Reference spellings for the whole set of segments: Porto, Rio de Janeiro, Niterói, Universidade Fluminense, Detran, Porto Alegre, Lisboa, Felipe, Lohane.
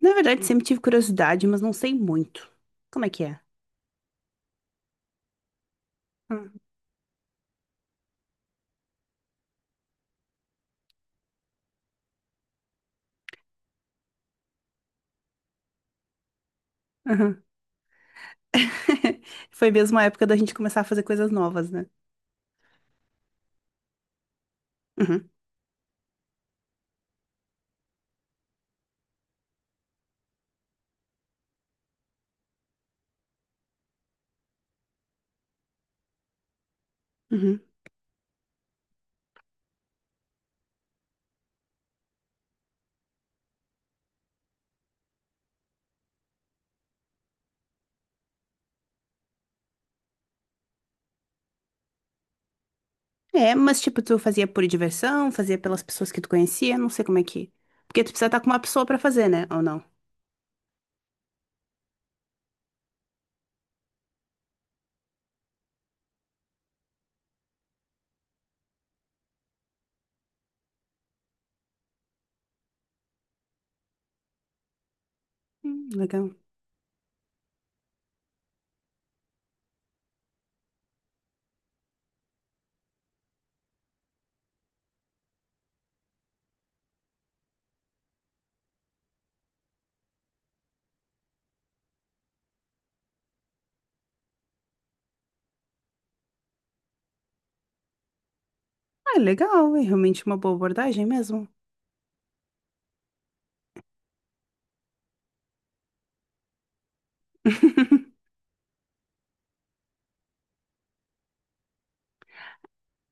Na verdade, sempre tive curiosidade, mas não sei muito. Como é que é? Hum, aham. Foi mesmo a época da gente começar a fazer coisas novas, né? Uhum, uhum. É, mas tipo, tu fazia por diversão, fazia pelas pessoas que tu conhecia, não sei como é que. Porque tu precisa estar com uma pessoa pra fazer, né? Ou não? Legal. Ah, legal, é realmente uma boa abordagem mesmo.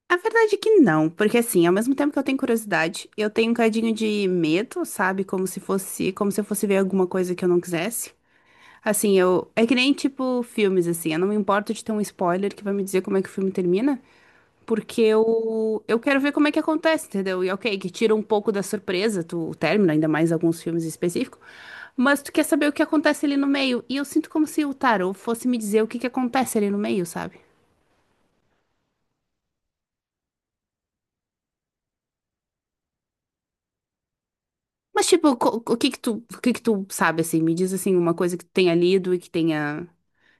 A verdade é que não, porque assim, ao mesmo tempo que eu tenho curiosidade, eu tenho um cadinho de medo, sabe? Como se eu fosse ver alguma coisa que eu não quisesse. Assim, eu. É que nem tipo filmes, assim. Eu não me importo de ter um spoiler que vai me dizer como é que o filme termina. Porque eu quero ver como é que acontece, entendeu? E ok, que tira um pouco da surpresa, tu termina, ainda mais alguns filmes específicos. Mas tu quer saber o que acontece ali no meio. E eu sinto como se o tarô fosse me dizer o que que acontece ali no meio, sabe? Mas, tipo, o que que tu sabe, assim? Me diz, assim, uma coisa que tu tenha lido e que tenha,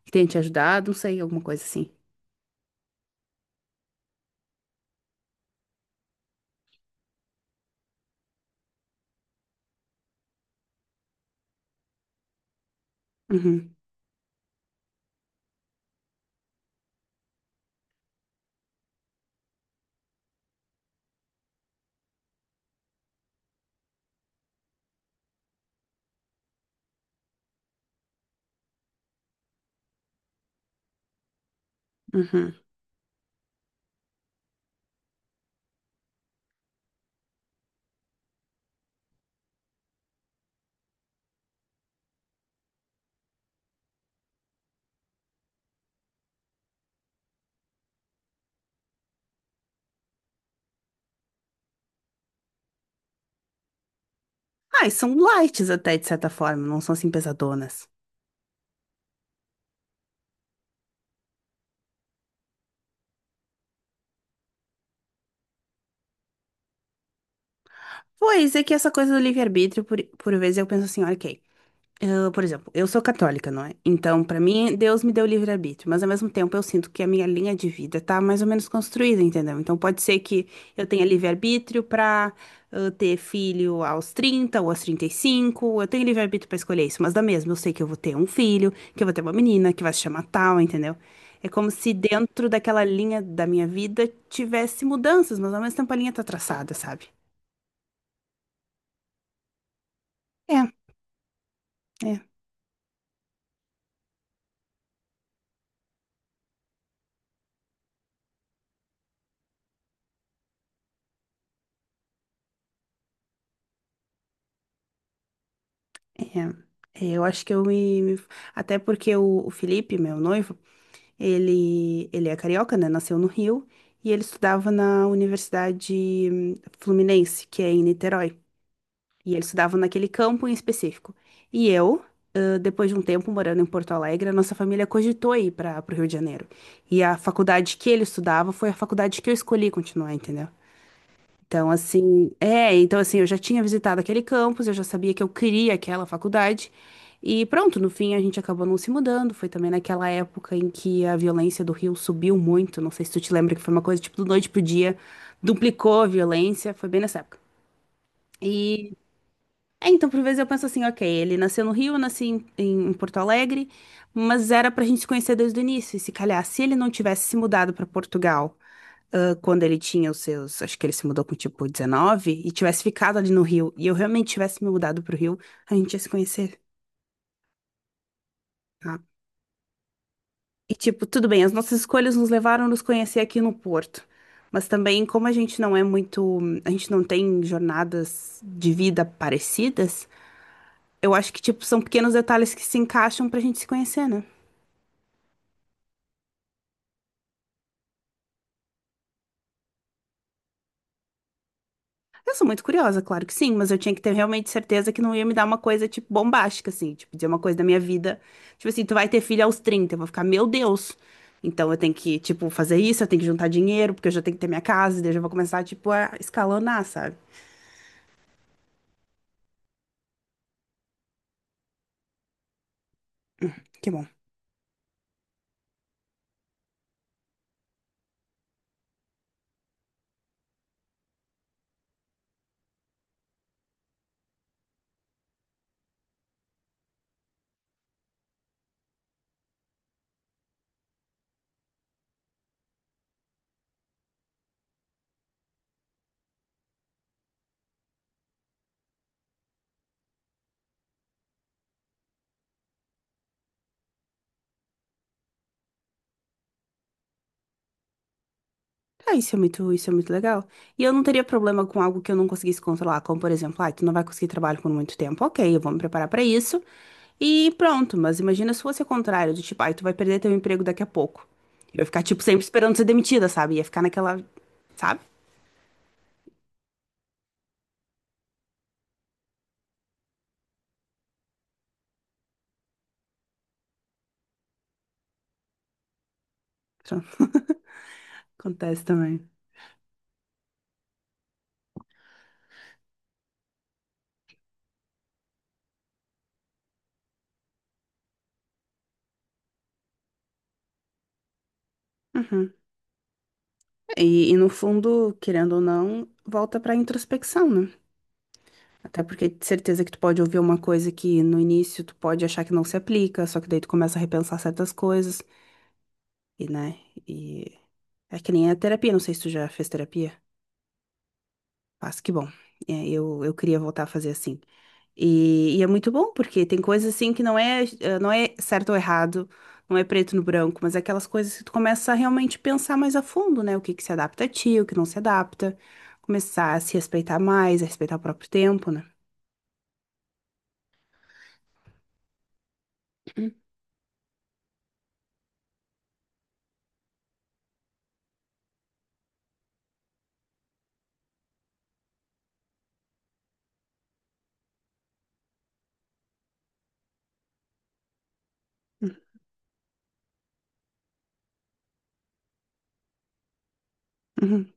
que tenha te ajudado, não sei, alguma coisa assim. Uhum, uhum. Ah, e são lights até, de certa forma, não são assim pesadonas. Pois é que essa coisa do livre-arbítrio, por vezes eu penso assim, olha ok. Eu, por exemplo, eu sou católica, não é? Então, pra mim, Deus me deu livre-arbítrio, mas ao mesmo tempo eu sinto que a minha linha de vida tá mais ou menos construída, entendeu? Então, pode ser que eu tenha livre-arbítrio pra ter filho aos 30 ou aos 35 eu tenho livre-arbítrio pra escolher isso, mas da mesma, eu sei que eu vou ter um filho, que eu vou ter uma menina, que vai se chamar tal, entendeu? É como se dentro daquela linha da minha vida tivesse mudanças, mas ao mesmo tempo a linha tá traçada, sabe? É, é. É, é, eu acho que eu. Até porque o Felipe, meu noivo, ele é carioca, né? Nasceu no Rio e ele estudava na Universidade Fluminense, que é em Niterói. E ele estudava naquele campo em específico. E eu, depois de um tempo morando em Porto Alegre, a nossa família cogitou ir para o Rio de Janeiro. E a faculdade que ele estudava foi a faculdade que eu escolhi continuar, entendeu? Então, eu já tinha visitado aquele campus, eu já sabia que eu queria aquela faculdade. E pronto, no fim a gente acabou não se mudando. Foi também naquela época em que a violência do Rio subiu muito. Não sei se tu te lembra que foi uma coisa tipo do noite pro dia, duplicou a violência, foi bem nessa época. E é, então, por vezes eu penso assim, ok, ele nasceu no Rio, eu nasci em Porto Alegre, mas era pra gente se conhecer desde o início. E se calhar, se ele não tivesse se mudado pra Portugal quando ele tinha os seus, acho que ele se mudou com tipo 19, e tivesse ficado ali no Rio, e eu realmente tivesse me mudado pro Rio, a gente ia se conhecer, tá? E tipo, tudo bem, as nossas escolhas nos levaram a nos conhecer aqui no Porto. Mas também, como a gente não é muito, a gente não tem jornadas de vida parecidas, eu acho que tipo são pequenos detalhes que se encaixam pra gente se conhecer, né? Eu sou muito curiosa, claro que sim, mas eu tinha que ter realmente certeza que não ia me dar uma coisa, tipo, bombástica, assim, tipo, dizer uma coisa da minha vida. Tipo assim, tu vai ter filho aos 30, eu vou ficar, meu Deus. Então eu tenho que, tipo, fazer isso, eu tenho que juntar dinheiro, porque eu já tenho que ter minha casa, e daí eu já vou começar, tipo, a escalonar, sabe? Que bom. Ah, isso é muito legal. E eu não teria problema com algo que eu não conseguisse controlar, como por exemplo, ah, tu não vai conseguir trabalho por muito tempo. Ok, eu vou me preparar pra isso e pronto. Mas imagina se fosse o contrário, do tipo, ah, tu vai perder teu emprego daqui a pouco. Eu ia ficar, tipo, sempre esperando ser demitida, sabe? Ia ficar naquela, sabe? Então, acontece também. Uhum. E no fundo, querendo ou não, volta pra introspecção, né? Até porque de certeza que tu pode ouvir uma coisa que no início tu pode achar que não se aplica, só que daí tu começa a repensar certas coisas. E, né? E é que nem a terapia, não sei se tu já fez terapia. Mas que bom. É, eu queria voltar a fazer assim. E é muito bom, porque tem coisas assim que não é, não é certo ou errado, não é preto no branco, mas é aquelas coisas que tu começa a realmente pensar mais a fundo, né? O que que se adapta a ti, o que não se adapta. Começar a se respeitar mais, a respeitar o próprio tempo, né? Uhum, uhum,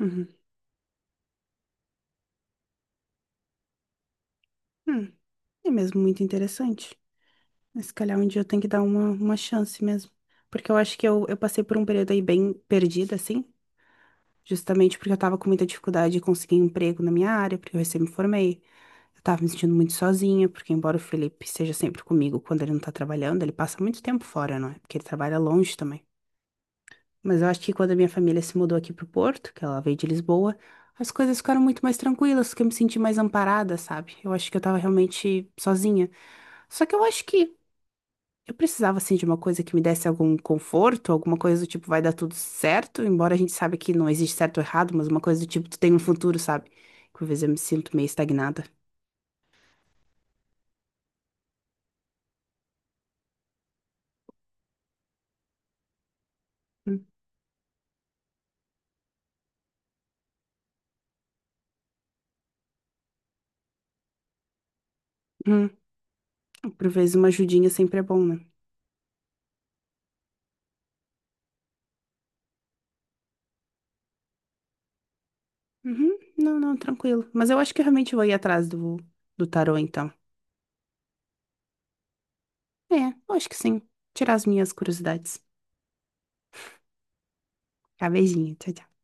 uhum. Hum. É mesmo muito interessante. Mas se calhar um dia eu tenho que dar uma chance mesmo. Porque eu acho que eu passei por um período aí bem perdida, assim. Justamente porque eu tava com muita dificuldade de conseguir um emprego na minha área, porque eu recém me formei. Eu tava me sentindo muito sozinha, porque embora o Felipe seja sempre comigo quando ele não tá trabalhando, ele passa muito tempo fora, não é? Porque ele trabalha longe também. Mas eu acho que quando a minha família se mudou aqui pro Porto, que ela veio de Lisboa, as coisas ficaram muito mais tranquilas, que eu me senti mais amparada, sabe? Eu acho que eu tava realmente sozinha. Só que eu acho que eu precisava, assim, de uma coisa que me desse algum conforto, alguma coisa do tipo, vai dar tudo certo, embora a gente saiba que não existe certo ou errado, mas uma coisa do tipo, tu tem um futuro, sabe? Por vezes eu me sinto meio estagnada. Uhum. Por vezes uma ajudinha sempre é bom, né? Uhum. Não, não, tranquilo. Mas eu acho que eu realmente vou ir atrás do tarô, então. É, eu acho que sim. Tirar as minhas curiosidades. Tá, beijinho. Tchau, tchau.